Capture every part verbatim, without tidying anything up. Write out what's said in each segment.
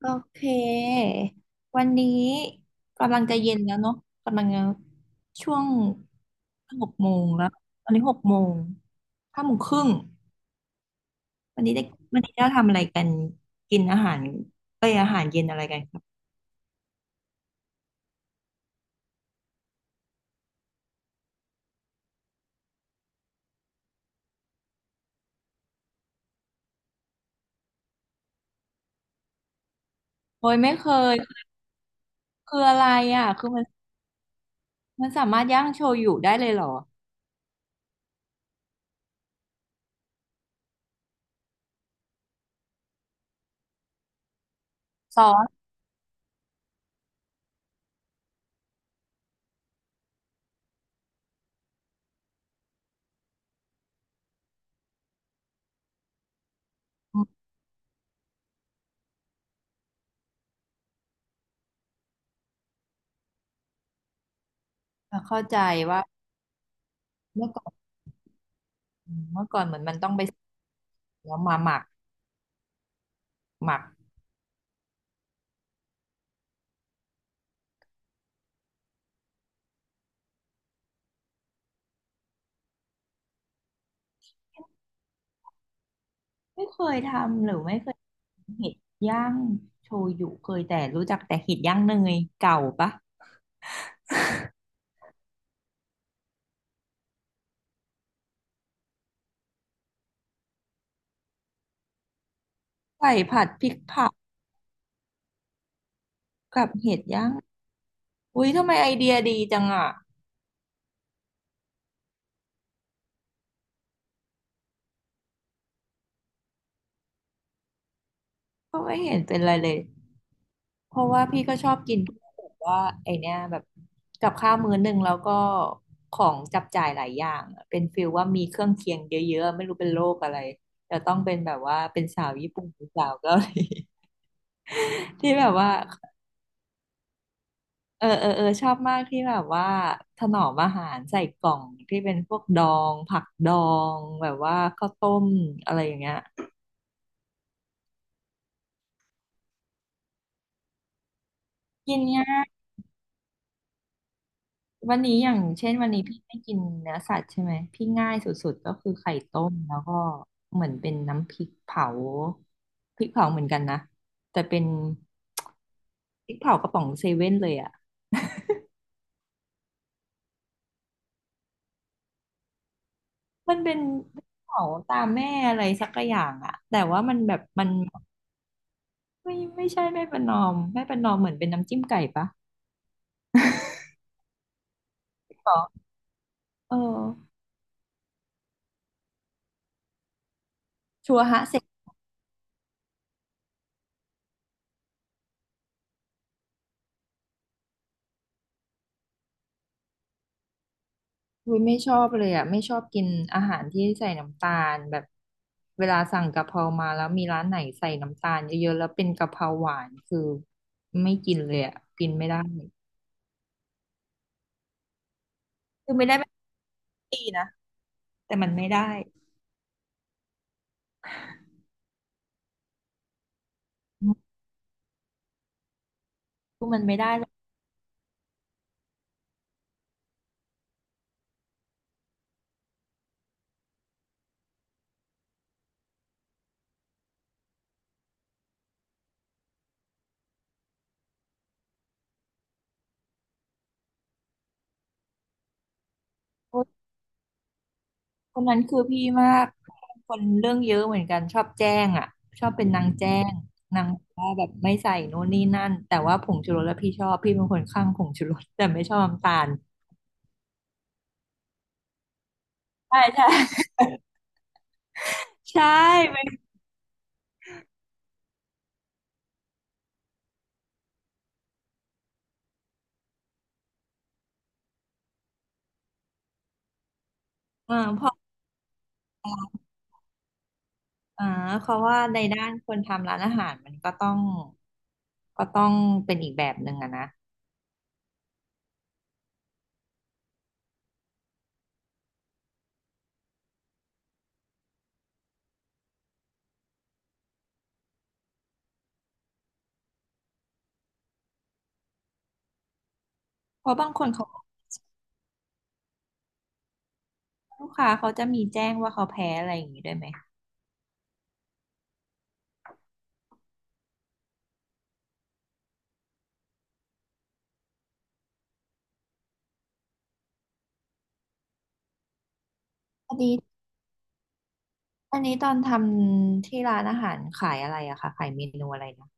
โอเค วันนี้กำลังจะเย็นแล้วเนาะกำลังจะช่วงหกโมงแล้วตอนนี้หกโมงห้าโมงครึ่งวันนี้ได้วันนี้จะทำอะไรกันกินอาหารเอ้ยอาหารเย็นอะไรกันครับโอ้ยไม่เคยคืออะไรอ่ะคือมันมันสามารถย่างโชยุได้เลยเหรอซอสอืมเข้าใจว่าเมื่อก่อนเมื่อก่อนเหมือนมันต้องไปซื้อแล้วมาหมักหมัก ไม่เคยทำหรือไม่เคยเห็ดย่างโชยุเคยแต่รู้จักแต่เห็ดย่างเนยเก่าปะไก่ผัดพริกเผากับเห็ดย่างอุ้ยทำไมไอเดียดีจังอ่ะก็ไม่เห็นเป็นไรเลยเพราะว่าพี่ก็ชอบกินแบบว่าไอเนี้ยแบบกับข้าวมื้อหนึ่งแล้วก็ของจับจ่ายหลายอย่างอะเป็นฟิลว่ามีเครื่องเคียงเยอะๆไม่รู้เป็นโรคอะไรแต่ต้องเป็นแบบว่าเป็นสาวญี่ปุ่นหรือสาวเกาหลี ที่แบบว่า เออเออเออชอบมากที่แบบว่าถนอมอาหารใส่กล่องที่เป็นพวกดองผักดองแบบว่าข้าวต้มอะไรอย่างเงี้ยกินง่ายวันนี้อย่างเช่นวันนี้พี่ไม่กินเนื้อสัตว์ใช่ไหมพี่ง่ายสุดๆก็คือไข่ต้มแล้วก็เหมือนเป็นน้ำพริกเผาพริกเผาเหมือนกันนะแต่เป็นพริกเผากระป๋องเซเว่นเลยอ่ะมันเป็นพริกเผาตามแม่อะไรสักอย่างอ่ะแต่ว่ามันแบบมัน ไม่ไม่ใช่ไม่ประนอมไม่ประนอมเหมือนเป็นน้ำจิ้มไก่ปะหรอเออชัวฮะเสกคุยไม่ชอบเลยอ่ะไม่ชอบกินอาหารที่ใส่น้ำตาลแบบเวลาสั่งกะเพรามาแล้วมีร้านไหนใส่น้ำตาลเยอะๆแล้วเป็นกะเพราหวานคือไม่กินเลยอ่ะกินไม่ได้คือไม่ได้ไม่ดีนะแต่มันไม่ได้คือมันไม่ได้เลย คนนั้นคือพี่มากคนเรื่องเยอะเหมือนกันชอบแจ้งอ่ะชอบเป็นนางแจ้งนางว่าแบบไม่ใส่โน่นนี่นั่นแต่ว่าผงชูรสแล้วพี่ชอบพี่เป็นคนข้างผงชูรสแต่ไม่ชอบน้ำตาลใช่ใช่ ใช่เป็นอ่าเพราะอ่าเพราะว่าในด้านคนทำร้านอาหารมันก็ต้องก็ต้องเป็นอีกแบบหนึ่งอะนะเพราะบางคนเขาลูกค้าเขาจะมีแจ้งว่าเขาแพ้อะไรอย่างนี้ด้วยไหมอันนี้อันนี้ตอนทำที่ร้านอาหารขายอะไรอะคะขายเมนูอะไรนะ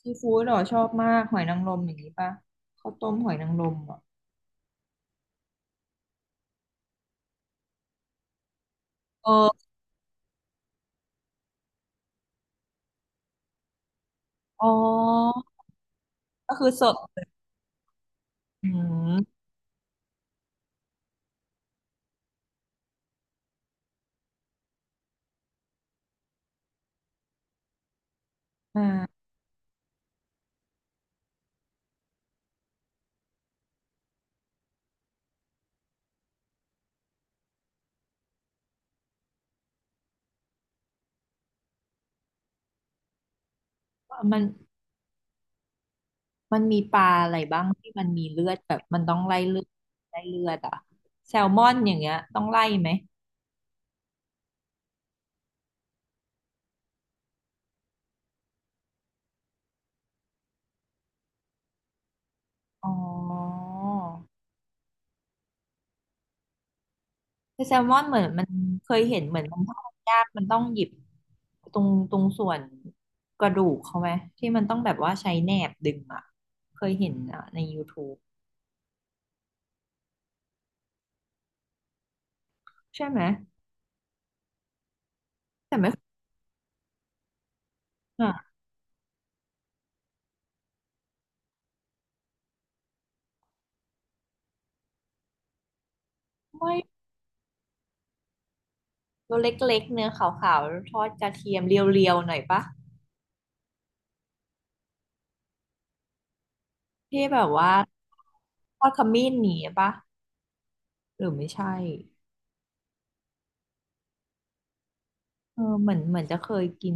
ซีฟู้ดเหรอชอบมากหอยนางรมอย่างนี้ป่ะข้าวต้มหอยนางรมอ่ะเอออ๋อก็คือสดอืมอ่ามันมันมีปลาอะไรบ้างที่มันมีเลือดแบบมันต้องไล่เลือดไล่เลือดอ่ะแซลมอนอย่างเงี้ยต้องไล่ไหมอ๋อแต่แซลมอนเหมือนมันเคยเห็นเหมือนมันทอดยากมันต้องหยิบตรงตรงส่วนกระดูกเขาไหมที่มันต้องแบบว่าใช้แหนบดึงอ่ะเคยเห็นอ่ะใน YouTube ใช่ไหมแต่ไม่เคยอ่ะ ไม่ตัวเล็กๆเนื้อขาวๆทอดกระเทียมเรียวๆหน่อยปะที่แบบว่าทอดขมิ้นหนีปะ หรือไม่ใช่เออเหมือนเหมือนจะเคยกิน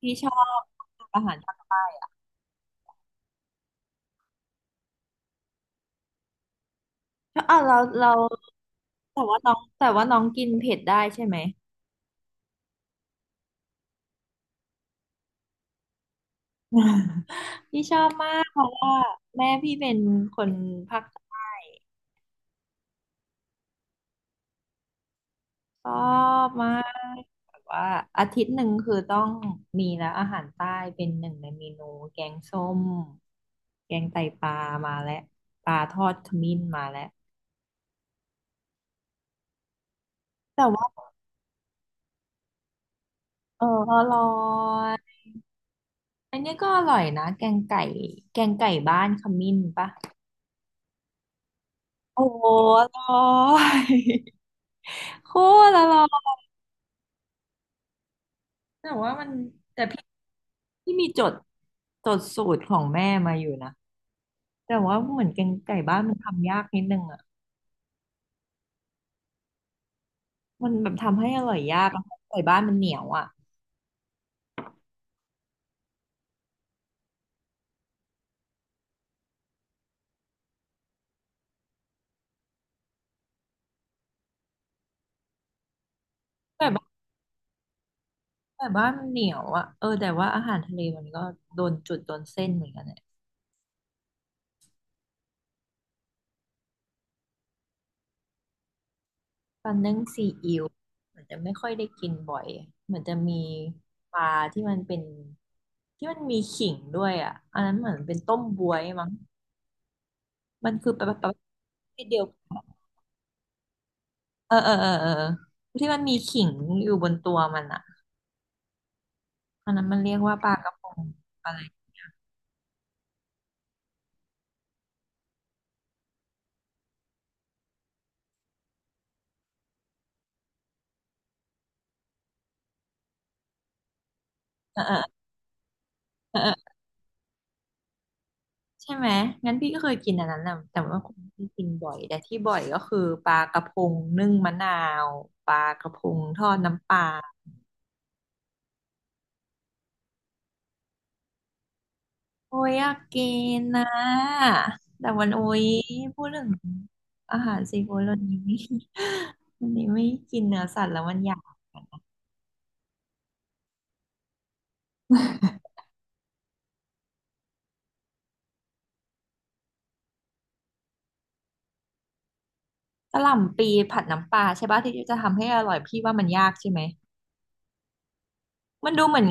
พี่ชอบอาหารภาคใต้อ่ะเราเราแต่ว่าน้องแต่ว่าน้องกินเผ็ดได้ใช่ไหม พี่ ชอบมากเพราะว่าแม่พี่เป็นคนภาคใต้ ชอบมากแบบว่าอาทิตย์หนึ่งคือต้องมีแล้วอาหารใต้เป็นหนึ่งในเมนูแกงส้มแกงไตปลามาแล้วปลาทอดขมิ้นมาแล้วแต่ว่าเอออร่อยอันนี้ก็อร่อยนะแกงไก่แกงไก่บ้านขมิ้นปะโอ้โหอร่อย โคตรอร่อยแต่ว่ามันแต่พี่ที่มีจดจดสูตรของแม่มาอยู่นะแต่ว่าเหมือนแกงไก่บ้านมันทำยากนิดนึงอะ มันแบบทำให้อร่อยยากอะไก่บ้านมันเหนียวอ่ะไก่บ้านไก่บ้านมันเหนียวอ่ะเออแต่ว่าอาหารทะเลมันก็โดนจุดโดนเส้นเหมือนกันเนี่ยปลานึ่งซีอิ๊วเหมือนจะไม่ค่อยได้กินบ่อยเหมือนจะมีปลาที่มันเป็นที่มันมีขิงด้วยอ่ะอันนั้นเหมือนเป็นต้มบวยมั้งมันคือปลาปลาที่เดียวกันเออเออเออเออที่มันมีขิงอยู่บนตัวมันอ่ะอันนั้นมันเรียกว่าปลากระพงอะไรเออเออ ใช่ไหมงั้นพี่ก็เคยกินอันนั้นนะแต่ว่าคงไม่ได้กินบ่อยแต่ที่บ่อยก็คือปลากระพงนึ่งมะนาวปลากระพงทอดน้ำปลาโอ้ยอยากกินนะ แต่วันโอ้ยพูดถึงอาหารซีฟู้ดวันนี้ไม่ วันนี้ไม่กินเนื้อสัตว์แล้วมันอยากกะหล่ำปีผัดน้ำปลาใช่ปะที่จะทำให้อร่อยพี่ว่ามันยากใช่ไหมมันดูเหมือน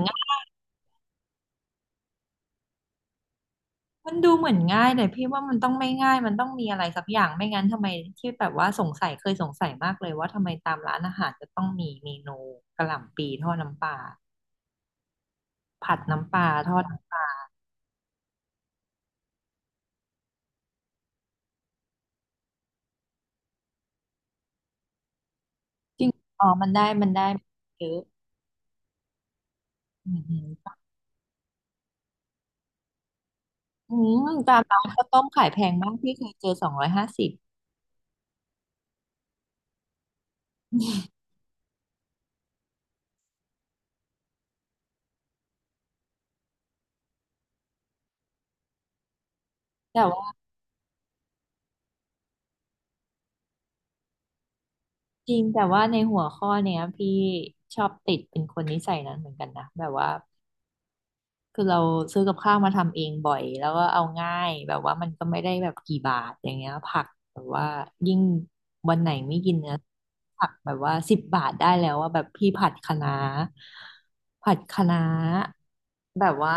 มันดูเหมือนง่ายแต่พี่ว่ามันต้องไม่ง่ายมันต้องมีอะไรสักอย่างไม่งั้นทำไมที่แบบว่าสงสัยเคยสงสัยมากเลยว่าทำไมตามร้านอาหารจะต้องมีเมนูกะหล่ำปีทอดน้ำปลาผัดน้ำปลาทอดน้ำปลาจริงอ๋อมันได้มันได้เยอะอืมอืมอืมตามร้านข้าวต้มขายแพงมากพี่เคยเจอสองร้อยห้าสิบแต่ว่าจริงแต่ว่าในหัวข้อเนี้ยพี่ชอบติดเป็นคนนิสัยนั้นเหมือนกันนะแบบว่า คือเราซื้อกับข้าวมาทำเองบ่อยแล้วก็เอาง่ายแบบว่ามันก็ไม่ได้แบบกี่บาทอย่างเงี้ยผักแบบว่ายิ่งวันไหนไม่กินเนื้อผักแบบว่าสิบบาทได้แล้วว่าแบบพี่ผัดคะน้าผัดคะน้าแบบว่า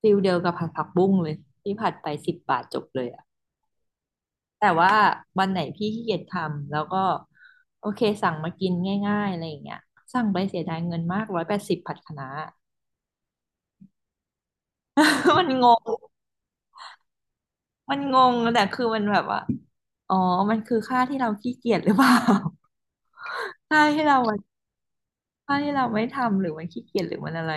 ฟิลเดียวกับผัดผักบุ้งเลยพี่ผัดไปสิบบาทจบเลยอะแต่ว่าวันไหนพี่ขี้เกียจทำแล้วก็โอเคสั่งมากินง่ายๆอะไรอย่างเงี้ยสั่งไปเสียดายเงินมากร้อยแปดสิบผัดคะน้า มันงง มันงงแต่คือมันแบบว่าอ๋อมันคือค่าที่เราขี้เกียจหรือเปล่า ค่าที่เราค่าที่เราไม่ทำหรือมันขี้เกียจหรือมันอะไร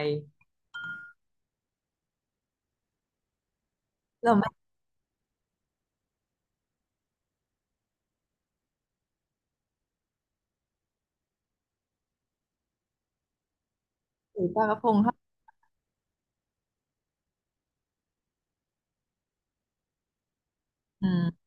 เราไม่ถือปลากระพงเข้าอืม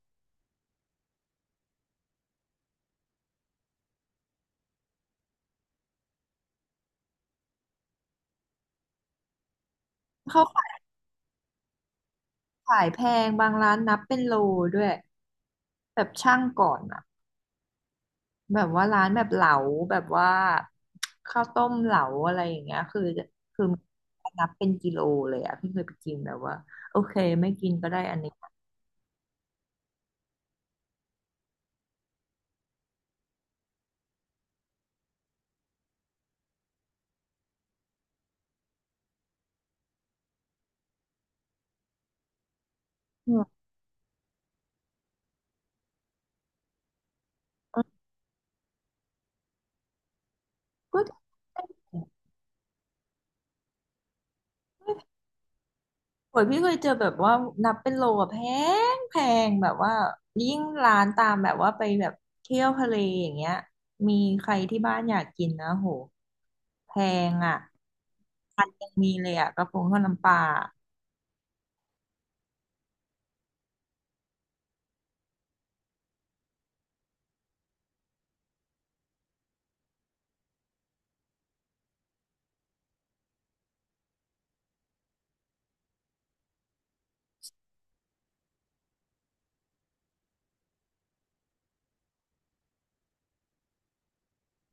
เขาขายขายแพงบางร้านนับเป็นโลด้วยแบบช่างก่อนอะแบบว่าร้านแบบเหลาแบบว่าข้าวต้มเหลาอะไรอย่างเงี้ยคือคือนับเป็นกิโลเลยอะพี่เคยไปกินแบบว่าโอเคไม่กินก็ได้อันนี้อืมก็ โอ้ยพี่เคยเจอแบบว่านับเป็นโลอะแพงแพงแบบว่ายิ่งร้านตามแบบว่าไปแบบเที่ยวทะเลอย่างเงี้ยมีใครที่บ้านอยากกินนะโหแพงอ่ะยังมีเลยอ่ะกระพงทอดน้ำปลา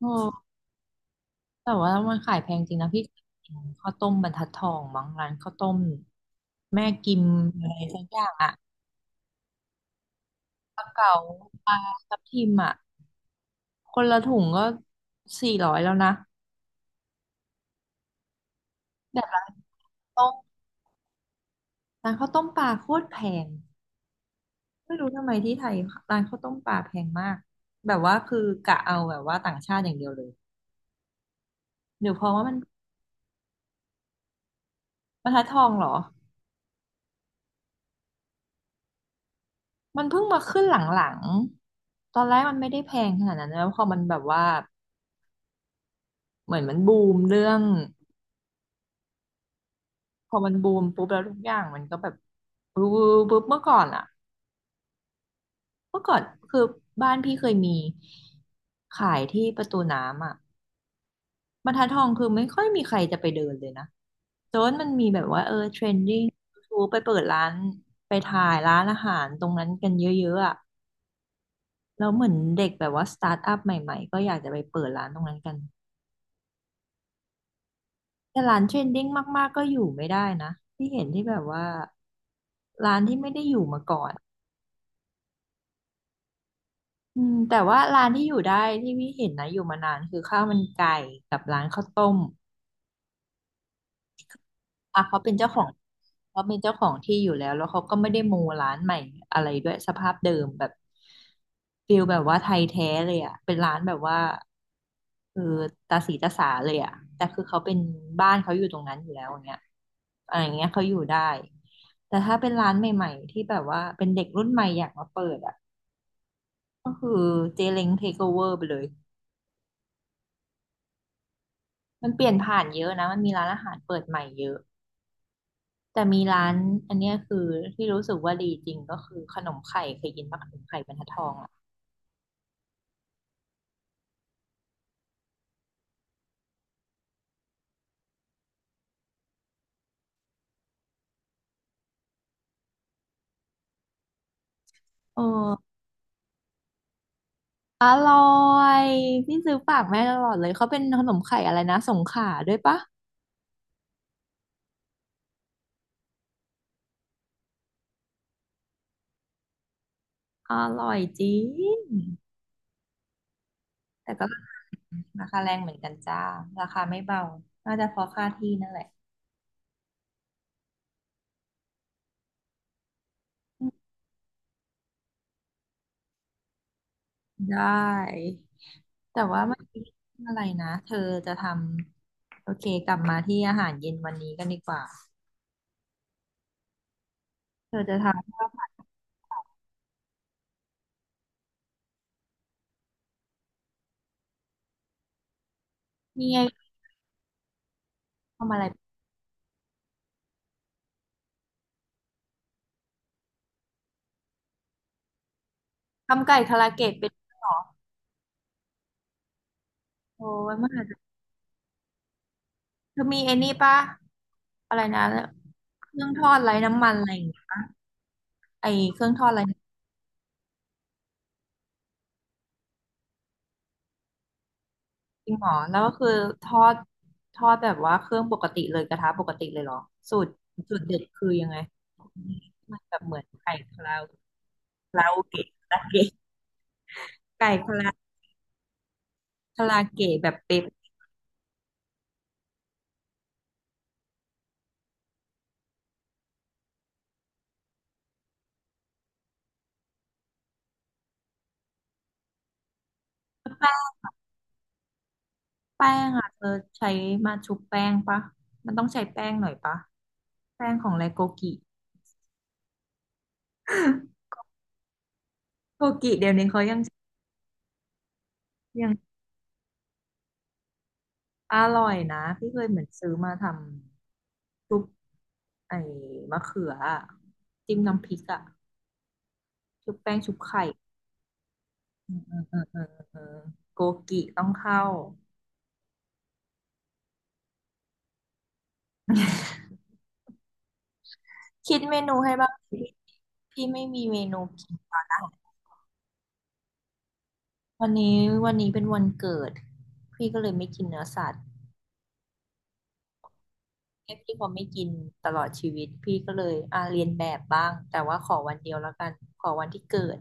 โอ้แต่ว่ามันขายแพงจริงนะพี่เคยกินข้าวต้มบรรทัดทองมั้งร้านข้าวต้มแม่กิมอะไรสักอย่างอ่ะปลาเก๋าปลาทับทิมอ่ะคนละถุงก็สี่ร้อยแล้วนะแบบละต้มร้านข้าวต้มปลาโคตรแพง ไม่รู้ทำไมที่ไทยร้านข้าวต้มปลาแพงมากแบบว่าคือกะเอาแบบว่าต่างชาติอย่างเดียวเลยหรือเพราะว่ามันบรรทัดทองเหรอมันเพิ่งมาขึ้นหลังๆตอนแรกมันไม่ได้แพงขนาดนั้นแล้วพอมันแบบว่าเหมือนมันบูมเรื่องพอมันบูมปุ๊บแล้วทุกอย่างมันก็แบบปุ๊บปุ๊บเมื่อก่อนอะเมื่อก่อนคือบ้านพี่เคยมีขายที่ประตูน้ำอะ บรรทัดทองคือไม่ค่อยมีใครจะไปเดินเลยนะโจนมันมีแบบว่าเออเทรนดิ้งทูไปเปิดร้านไปถ่ายร้านอาหารตรงนั้นกันเยอะๆอ่ะแล้วเหมือนเด็กแบบว่าสตาร์ทอัพใหม่ๆก็อยากจะไปเปิดร้านตรงนั้นกันแต่ร้านเทรนดิ้งมากๆก็อยู่ไม่ได้นะที่เห็นที่แบบว่าร้านที่ไม่ได้อยู่มาก่อนอืมแต่ว่าร้านที่อยู่ได้ที่พี่เห็นนะอยู่มานานคือข้าวมันไก่กับร้านข้าวต้ม อ่ะเขาเป็นเจ้าของเขาเป็นเจ้าของที่อยู่แล้วแล้วเขาก็ไม่ได้โมร้านใหม่อะไรด้วยสภาพเดิมแบบฟิลแบบว่าไทยแท้เลยอ่ะเป็นร้านแบบว่าเออตาสีตาสาเลยอ่ะแต่คือเขาเป็นบ้านเขาอยู่ตรงนั้นอยู่แล้วอย่างเงี้ยอะไรอย่างเงี้ยเขาอยู่ได้แต่ถ้าเป็นร้านใหม่ๆที่แบบว่าเป็นเด็กรุ่นใหม่อยากมาเปิดอ่ะก็คือเจเล้งเทคโอเวอร์ไปเลยมันเปลี่ยนผ่านเยอะนะมันมีร้านอาหารเปิดใหม่เยอะ แต่มีร้านอันเนี้ยคือที่รู้สึกว่าดีจริงก็คือขนมไข่เคยกินปะขนมไข่บรรทัดทองอ่ะเอออร่อยพี่ซื้อฝากแม่ตลอดเลยเขาเป็นขนมไข่อะไรนะสงขลาด้วยปะอร่อยจริงแต่ก็ราคาแรงเหมือนกันจ้าราคาไม่เบาน่าจะเพราะค่าที่นั่นแหละได้แต่ว่าเมื่อกี้อะไรนะเธอจะทำโอเคกลับมาที่อาหารเย็นวันนี้กันดีกว่าเธอจะทำข้าวผัดนี่ไงทำอะไร ทำไก่คาราเกะเป็นด้วยเหรอโอ้ยมันอาจจะเธอมีไอ้นี่ปะอะไรนะเครื่องทอดไร้น้ำมันอะไรอย่างเงี้ยปะไอ้เครื่องทอดไร้น้ำมันจริงเหรอแล้วก็คือทอดทอดแบบว่าเครื่องปกติเลยกระทะปกติเลยเหรอสูตรสูตรเด็ดคือยังไงมันแบบเหมือนไก่คาราคาราโอเกะคาราเกะไก่คาราคาราเกะแบบเป๊ะแป้งแป้งอ่ะเธอใช้มาชุบแป้งปะมันต้องใช้แป้งหน่อยปะแป้งของไรโกกิโกกิเดี๋ยวนี้เขายัง ยังอร่อยนะพี่เคยเหมือนซื้อมาทำชุบไอ้มะเขืออะจิ้มน้ำพริกอะชุบแป้งชุบไข่เออเออเออเออเออโกกิต้องเข้าคิดเมนูให้บ้างสิพี่ไม่มีเมนูกินตอนนะวันนี้วันนี้เป็นวันเกิดพี่ก็เลยไม่กินเนื้อสัตว์แค่พี่พอไม่กินตลอดชีวิตพี่ก็เลยอ่าเรียนแบบบ้างแต่ว่าขอวันเดียวแล้วกันขอวันที่เกิด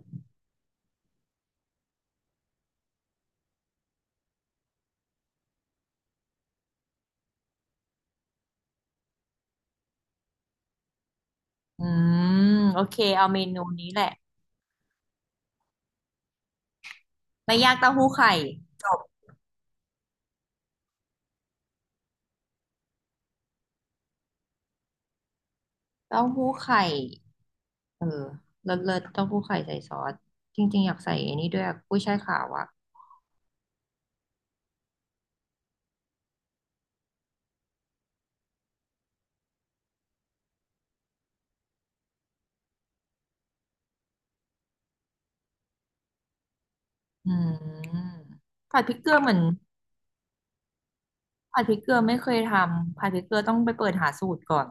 อืมโอเคเอาเมนูนี้แหละ ไม่ยากเต้าหู้ไข่จบเต้าหู้ไข่เออเลิศเลิศเต้าหู้ไข่ใส่ซอสจริงๆอยากใส่ไอันนี้ด้วยอะกุ้ยช่ายขาวอะอืมผัดพริกเกลือเหมือนผัดพริกเกลือไม่เคยทำผัดพริกเกลือต้องไปเปิดหาสูตรก่อน